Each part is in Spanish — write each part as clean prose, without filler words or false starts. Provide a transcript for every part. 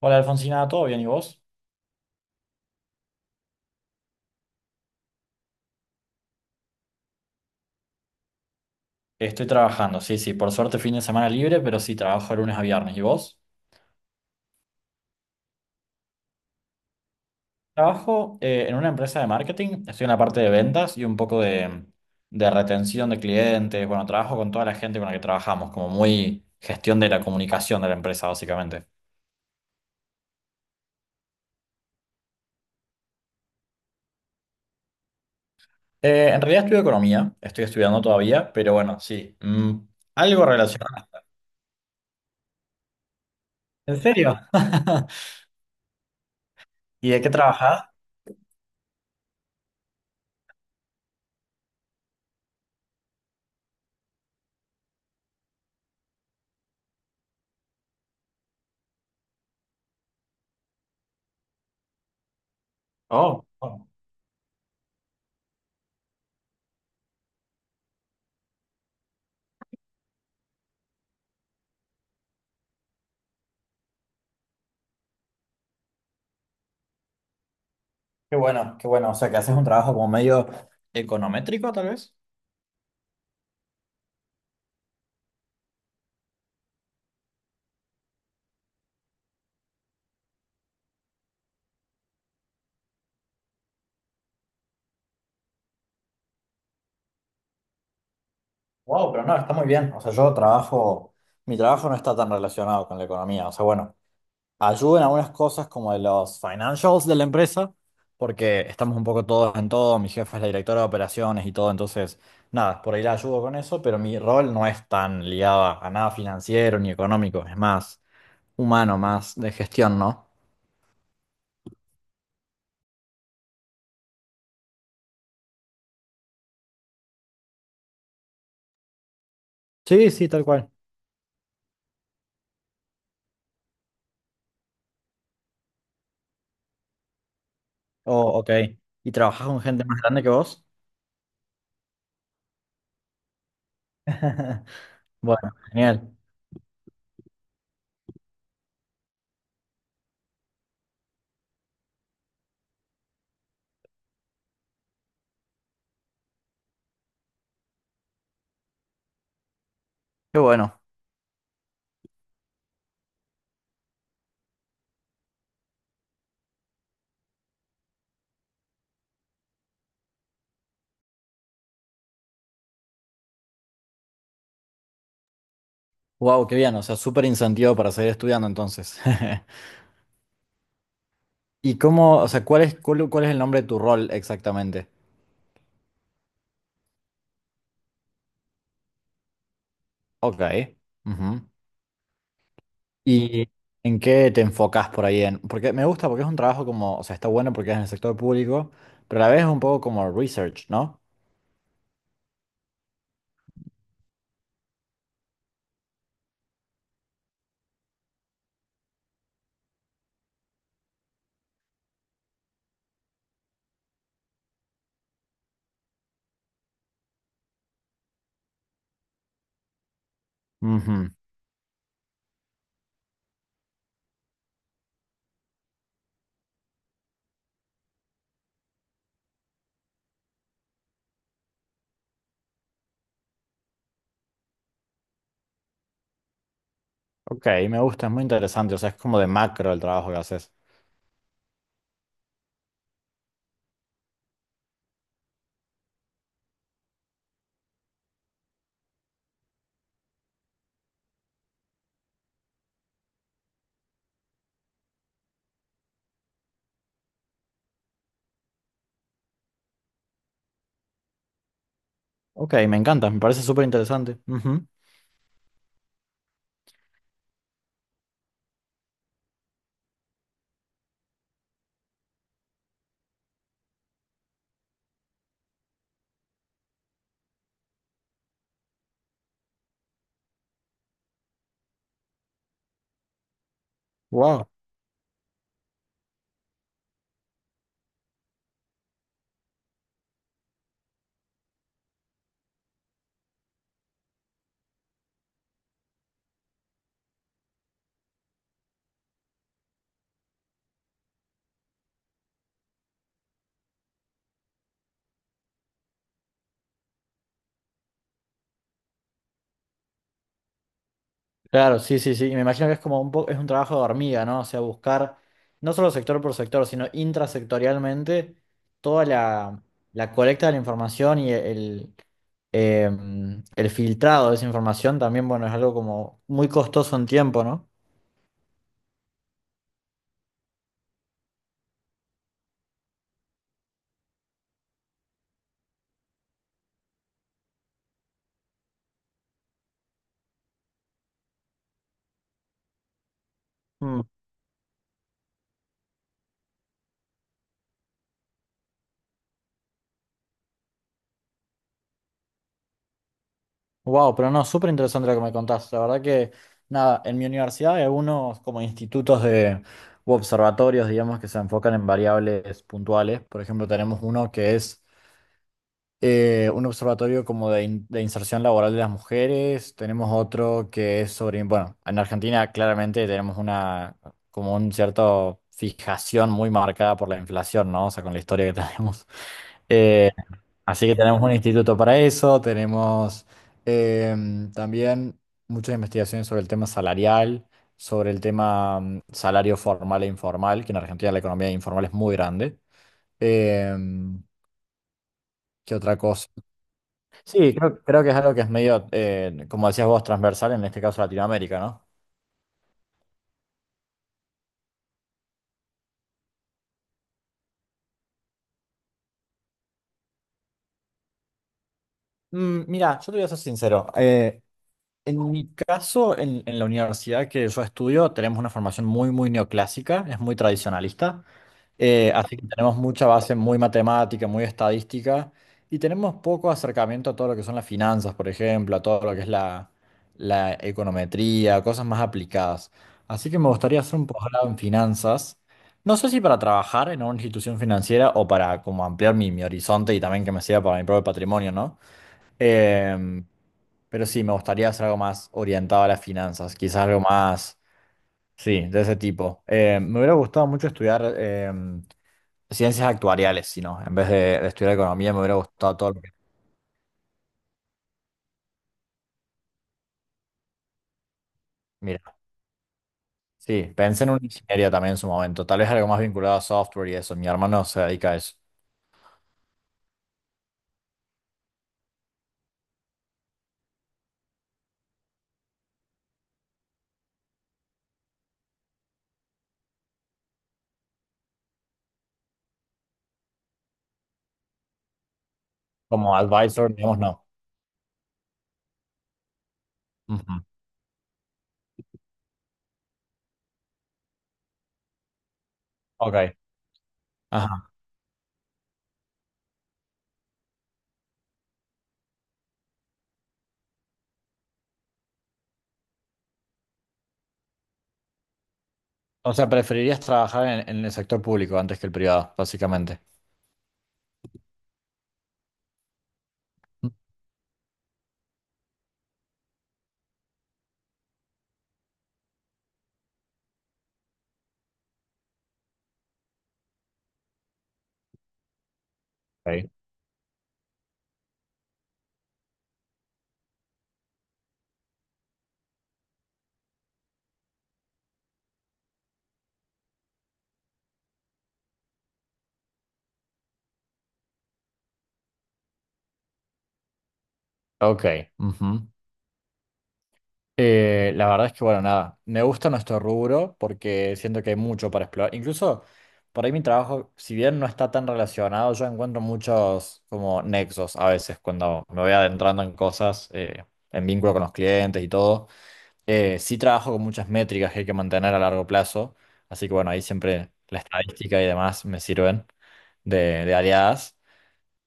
Hola Alfonsina, ¿todo bien? ¿Y vos? Estoy trabajando, sí, sí, por suerte fin de semana libre, pero sí, trabajo de lunes a viernes. ¿Y vos? Trabajo en una empresa de marketing, estoy en la parte de ventas y un poco de retención de clientes. Bueno, trabajo con toda la gente con la que trabajamos, como muy gestión de la comunicación de la empresa, básicamente. En realidad estudio economía, estoy estudiando todavía, pero bueno, sí, algo relacionado. ¿En serio? ¿Y de qué trabajás? Oh, oh, qué bueno, qué bueno. O sea, que haces un trabajo como medio econométrico, tal vez. Wow, pero no, está muy bien. O sea, yo trabajo, mi trabajo no está tan relacionado con la economía. O sea, bueno, ayudo en algunas cosas como de los financials de la empresa, porque estamos un poco todos en todo. Mi jefa es la directora de operaciones y todo, entonces, nada, por ahí la ayudo con eso, pero mi rol no es tan ligado a nada financiero ni económico, es más humano, más de gestión, ¿no? Sí, sí, tal cual. Oh, ok. ¿Y trabajas con gente más grande que vos? Bueno, genial. Qué bueno. Wow, qué bien, o sea, súper incentivo para seguir estudiando entonces. ¿Y cómo, o sea, cuál es el nombre de tu rol exactamente? Ok. Ujú. ¿Y en qué te enfocas por ahí? En, porque me gusta, porque es un trabajo como, o sea, está bueno porque es en el sector público, pero a la vez es un poco como research, ¿no? Ujú. Ok, me gusta, es muy interesante, o sea, es como de macro el trabajo que haces. Ok, me encanta, me parece súper interesante. Wow. Claro, sí, sí, sí. Y me imagino que es como un poco, es un trabajo de hormiga, ¿no? O sea, buscar no solo sector por sector, sino intrasectorialmente toda la colecta de la información y el filtrado de esa información también, bueno, es algo como muy costoso en tiempo, ¿no? Wow, pero no, súper interesante lo que me contaste. La verdad que, nada, en mi universidad hay algunos como institutos de, u observatorios, digamos, que se enfocan en variables puntuales. Por ejemplo, tenemos uno que es un observatorio como de, de inserción laboral de las mujeres, tenemos otro que es sobre, bueno, en Argentina claramente tenemos una, como un cierto fijación muy marcada por la inflación, ¿no? O sea, con la historia que tenemos. Eh, Así que tenemos un instituto para eso, tenemos también muchas investigaciones sobre el tema salarial, sobre el tema salario formal e informal, que en Argentina la economía informal es muy grande. Em, ¿Qué otra cosa? Sí, creo, creo que es algo que es medio, como decías vos, transversal, en este caso Latinoamérica, ¿no? Mm, mira, yo te voy a ser sincero. En mi caso, en la universidad que yo estudio, tenemos una formación muy, muy neoclásica, es muy tradicionalista. Así que tenemos mucha base muy matemática, muy estadística, y tenemos poco acercamiento a todo lo que son las finanzas, por ejemplo, a todo lo que es la econometría, cosas más aplicadas. Así que me gustaría hacer un posgrado en finanzas. No sé si para trabajar en una institución financiera o para como ampliar mi horizonte y también que me sirva para mi propio patrimonio, ¿no? Em, pero sí, me gustaría hacer algo más orientado a las finanzas, quizás algo más, sí, de ese tipo. Me hubiera gustado mucho estudiar ciencias actuariales, si no, en vez de estudiar economía me hubiera gustado todo lo que... Mira, sí, pensé en una ingeniería también en su momento, tal vez algo más vinculado a software y eso, mi hermano se dedica a eso. Como advisor, digamos, no. Ujú. Ok, ajá. O sea, preferirías trabajar en el sector público antes que el privado, básicamente. Ok, ok. Ujú. La verdad es que, bueno, nada, me gusta nuestro rubro porque siento que hay mucho para explorar. Incluso por ahí mi trabajo, si bien no está tan relacionado, yo encuentro muchos como nexos a veces cuando me voy adentrando en cosas, en vínculo con los clientes y todo. Sí trabajo con muchas métricas que hay que mantener a largo plazo, así que bueno, ahí siempre la estadística y demás me sirven de aliadas.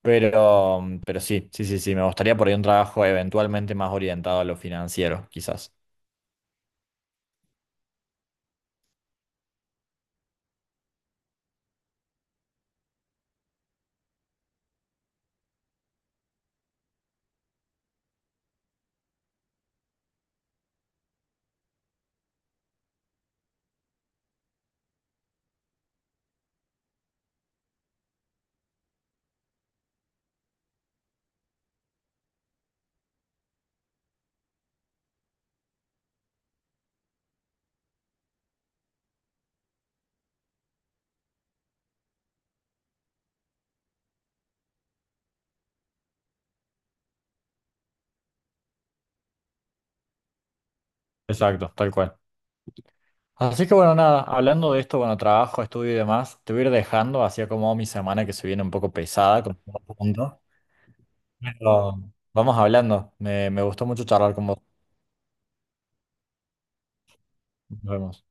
Pero sí, sí, sí, sí, me gustaría por ahí un trabajo eventualmente más orientado a lo financiero, quizás. Exacto, tal cual. Así que bueno, nada, hablando de esto, bueno, trabajo, estudio y demás, te voy a ir dejando, así como mi semana que se viene un poco pesada con todo el. Pero vamos hablando. Me gustó mucho charlar con vos. Nos vemos.